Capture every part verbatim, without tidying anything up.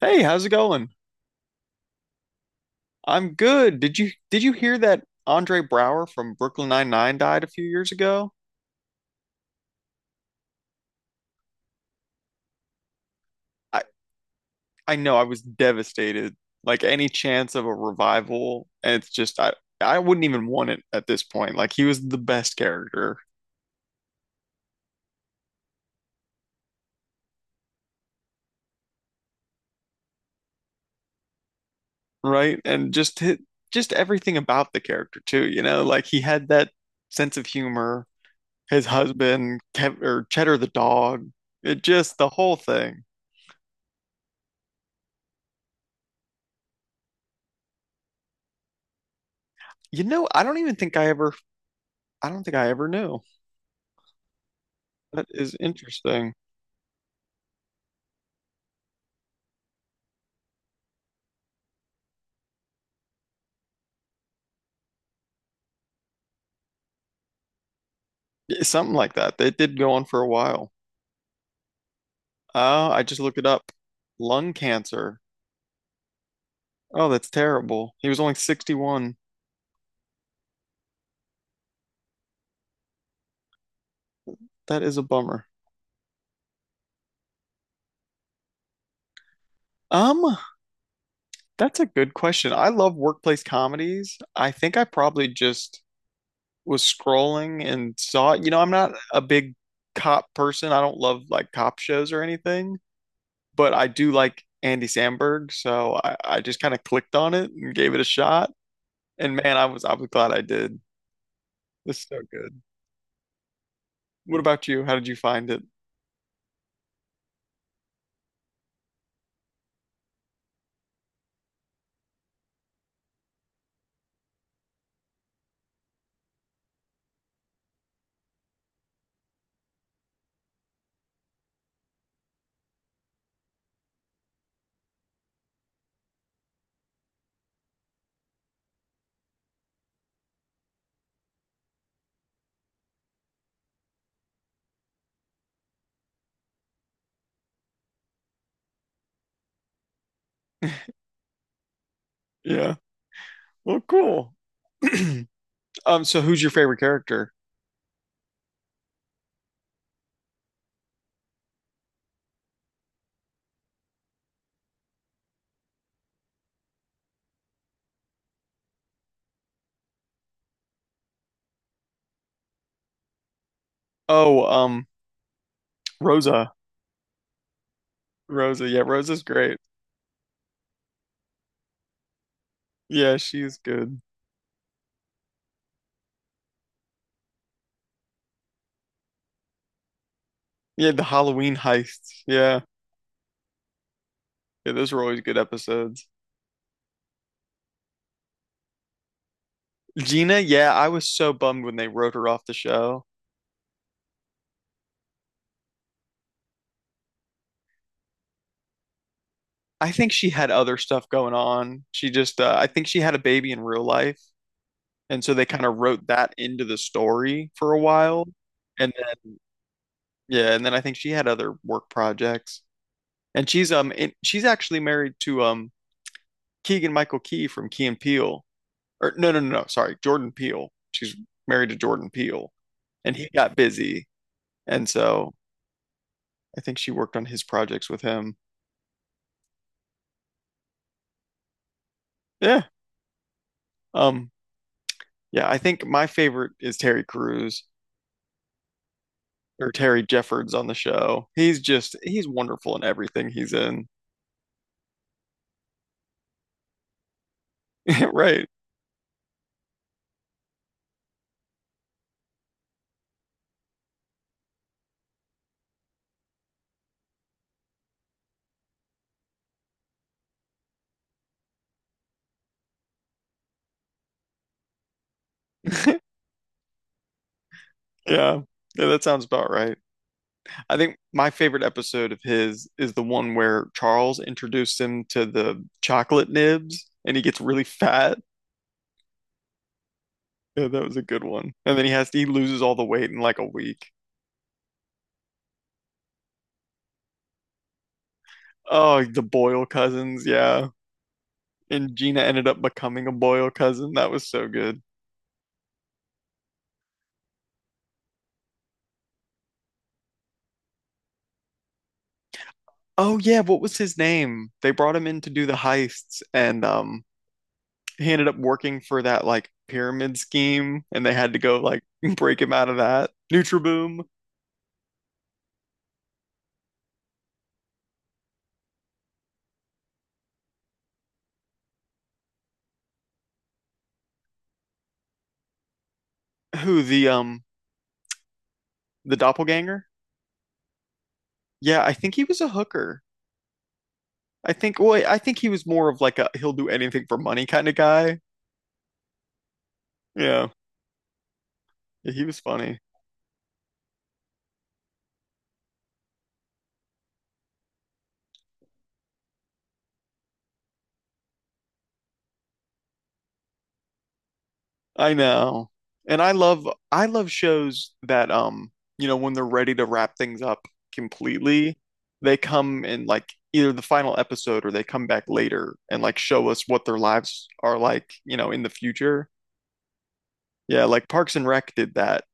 Hey, how's it going? I'm good. Did you did you hear that Andre Brower from Brooklyn Nine-Nine died a few years ago? I I know I was devastated. Like any chance of a revival, and it's just I I wouldn't even want it at this point. Like he was the best character, right? And just hi- just everything about the character too, you know? Like he had that sense of humor, his husband, Kev or Cheddar the dog. It just the whole thing. You know, I don't even think I ever I don't think I ever knew. That is interesting. Yeah, something like that. It did go on for a while. Uh, I just looked it up. Lung cancer. Oh, that's terrible. He was only sixty-one. That is a bummer. Um, that's a good question. I love workplace comedies. I think I probably just was scrolling and saw it. You know, I'm not a big cop person. I don't love like cop shows or anything, but I do like Andy Samberg, so I, I just kind of clicked on it and gave it a shot. And man, I was I was glad I did. It's so good. What about you? How did you find it? Yeah. Well, cool. Um, so who's your favorite character? Oh, um, Rosa. Rosa. Yeah, Rosa's great. Yeah, she's good. Yeah, the Halloween heists. Yeah. Yeah, those were always good episodes. Gina, yeah, I was so bummed when they wrote her off the show. I think she had other stuff going on. She just, uh, I think she had a baby in real life. And so they kind of wrote that into the story for a while. And then yeah, and then I think she had other work projects. And she's um in, she's actually married to um Keegan Michael Key from Key and Peele. Or no, no, no, no, sorry, Jordan Peele. She's married to Jordan Peele. And he got busy. And so I think she worked on his projects with him. Yeah. Um yeah, I think my favorite is Terry Crews or Terry Jeffords on the show. He's just he's wonderful in everything he's in. Right. Yeah. Yeah, that sounds about right. I think my favorite episode of his is the one where Charles introduced him to the chocolate nibs and he gets really fat. Yeah, that was a good one. And then he has to, he loses all the weight in like a week. Oh, the Boyle cousins, yeah. And Gina ended up becoming a Boyle cousin. That was so good. Oh yeah, what was his name? They brought him in to do the heists and um he ended up working for that like pyramid scheme and they had to go like break him out of that. Nutriboom, who the um the doppelganger? Yeah, I think he was a hooker. I think, well, I think he was more of like a he'll do anything for money kind of guy. Yeah, yeah, he was funny. I know. And I love I love shows that um, you know, when they're ready to wrap things up completely, they come in like either the final episode or they come back later and like show us what their lives are like, you know, in the future. Yeah, like Parks and Rec did that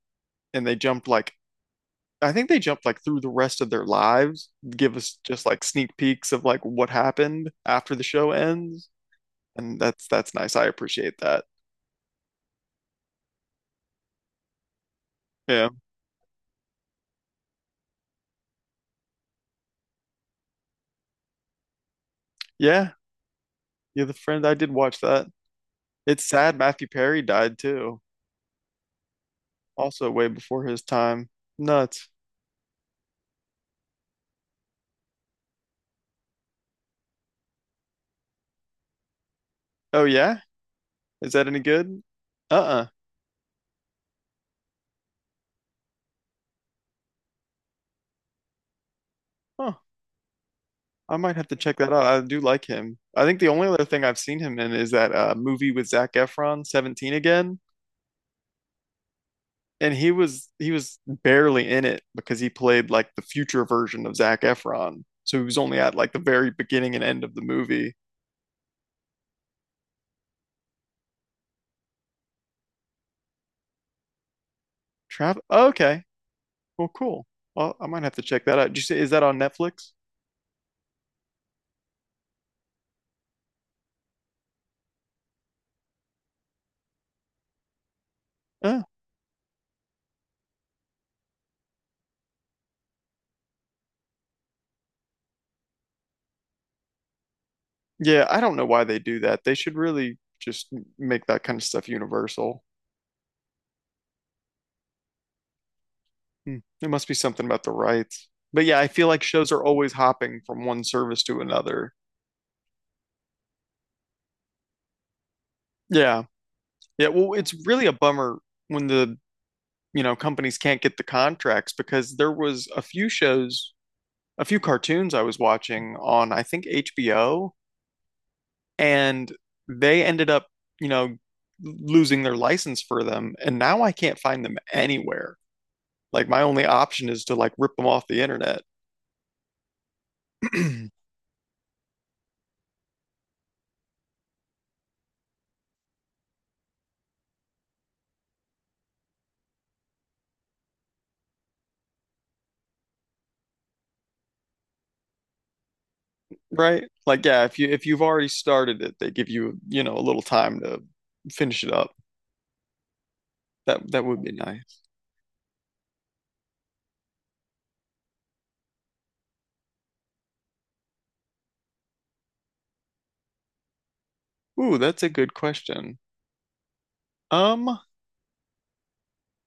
and they jumped like I think they jumped like through the rest of their lives, give us just like sneak peeks of like what happened after the show ends. And that's that's nice. I appreciate that. Yeah. Yeah. Yeah, the friend I did watch that. It's sad Matthew Perry died too. Also way before his time. Nuts. Oh yeah? Is that any good? Uh-uh. Huh. I might have to check that out. I do like him. I think the only other thing I've seen him in is that uh movie with Zac Efron, seventeen again. And he was he was barely in it because he played like the future version of Zac Efron. So he was only at like the very beginning and end of the movie. Trav oh, okay. Well, cool. Well, I might have to check that out. Did you say is that on Netflix? Uh, yeah, I don't know why they do that. They should really just make that kind of stuff universal. Hmm. There must be something about the rights. But yeah, I feel like shows are always hopping from one service to another. Yeah. Yeah, well, it's really a bummer when the you know, companies can't get the contracts because there was a few shows, a few cartoons I was watching on, I think H B O, and they ended up, you know, losing their license for them, and now I can't find them anywhere. Like my only option is to like rip them off the internet. Right? Like yeah, if you if you've already started it, they give you, you know, a little time to finish it up. That that would be nice. Ooh, that's a good question. Um,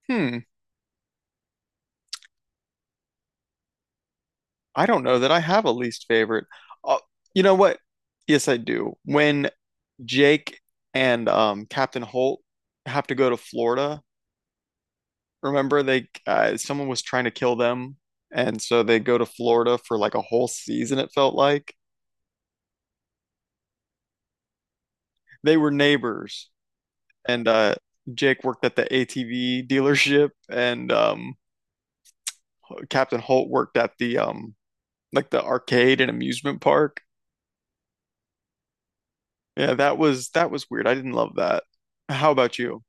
hmm. I don't know that I have a least favorite. Uh, you know what? Yes, I do. When Jake and um, Captain Holt have to go to Florida, remember they uh, someone was trying to kill them, and so they go to Florida for like a whole season, it felt like. They were neighbors, and uh, Jake worked at the A T V dealership, and um, Captain Holt worked at the um, like the arcade and amusement park. Yeah, that was that was weird. I didn't love that. How about you?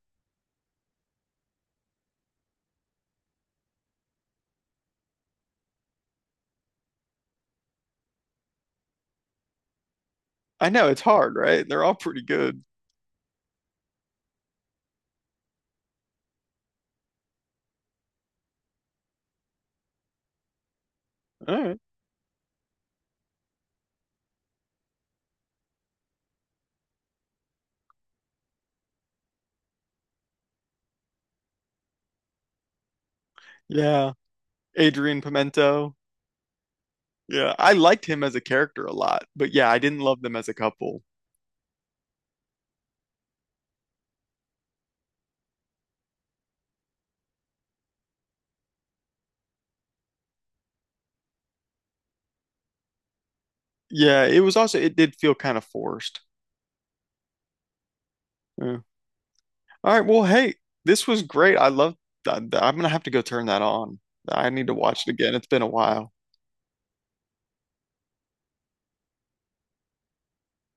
I know it's hard, right? They're all pretty good. All right. Yeah. Adrian Pimento. Yeah, I liked him as a character a lot, but yeah, I didn't love them as a couple. Yeah, it was also it did feel kind of forced. Yeah. All right, well, hey, this was great. I love that. I'm gonna have to go turn that on. I need to watch it again. It's been a while.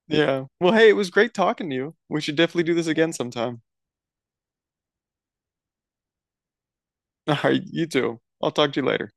Yeah. Well, hey, it was great talking to you. We should definitely do this again sometime. All right, you too. I'll talk to you later.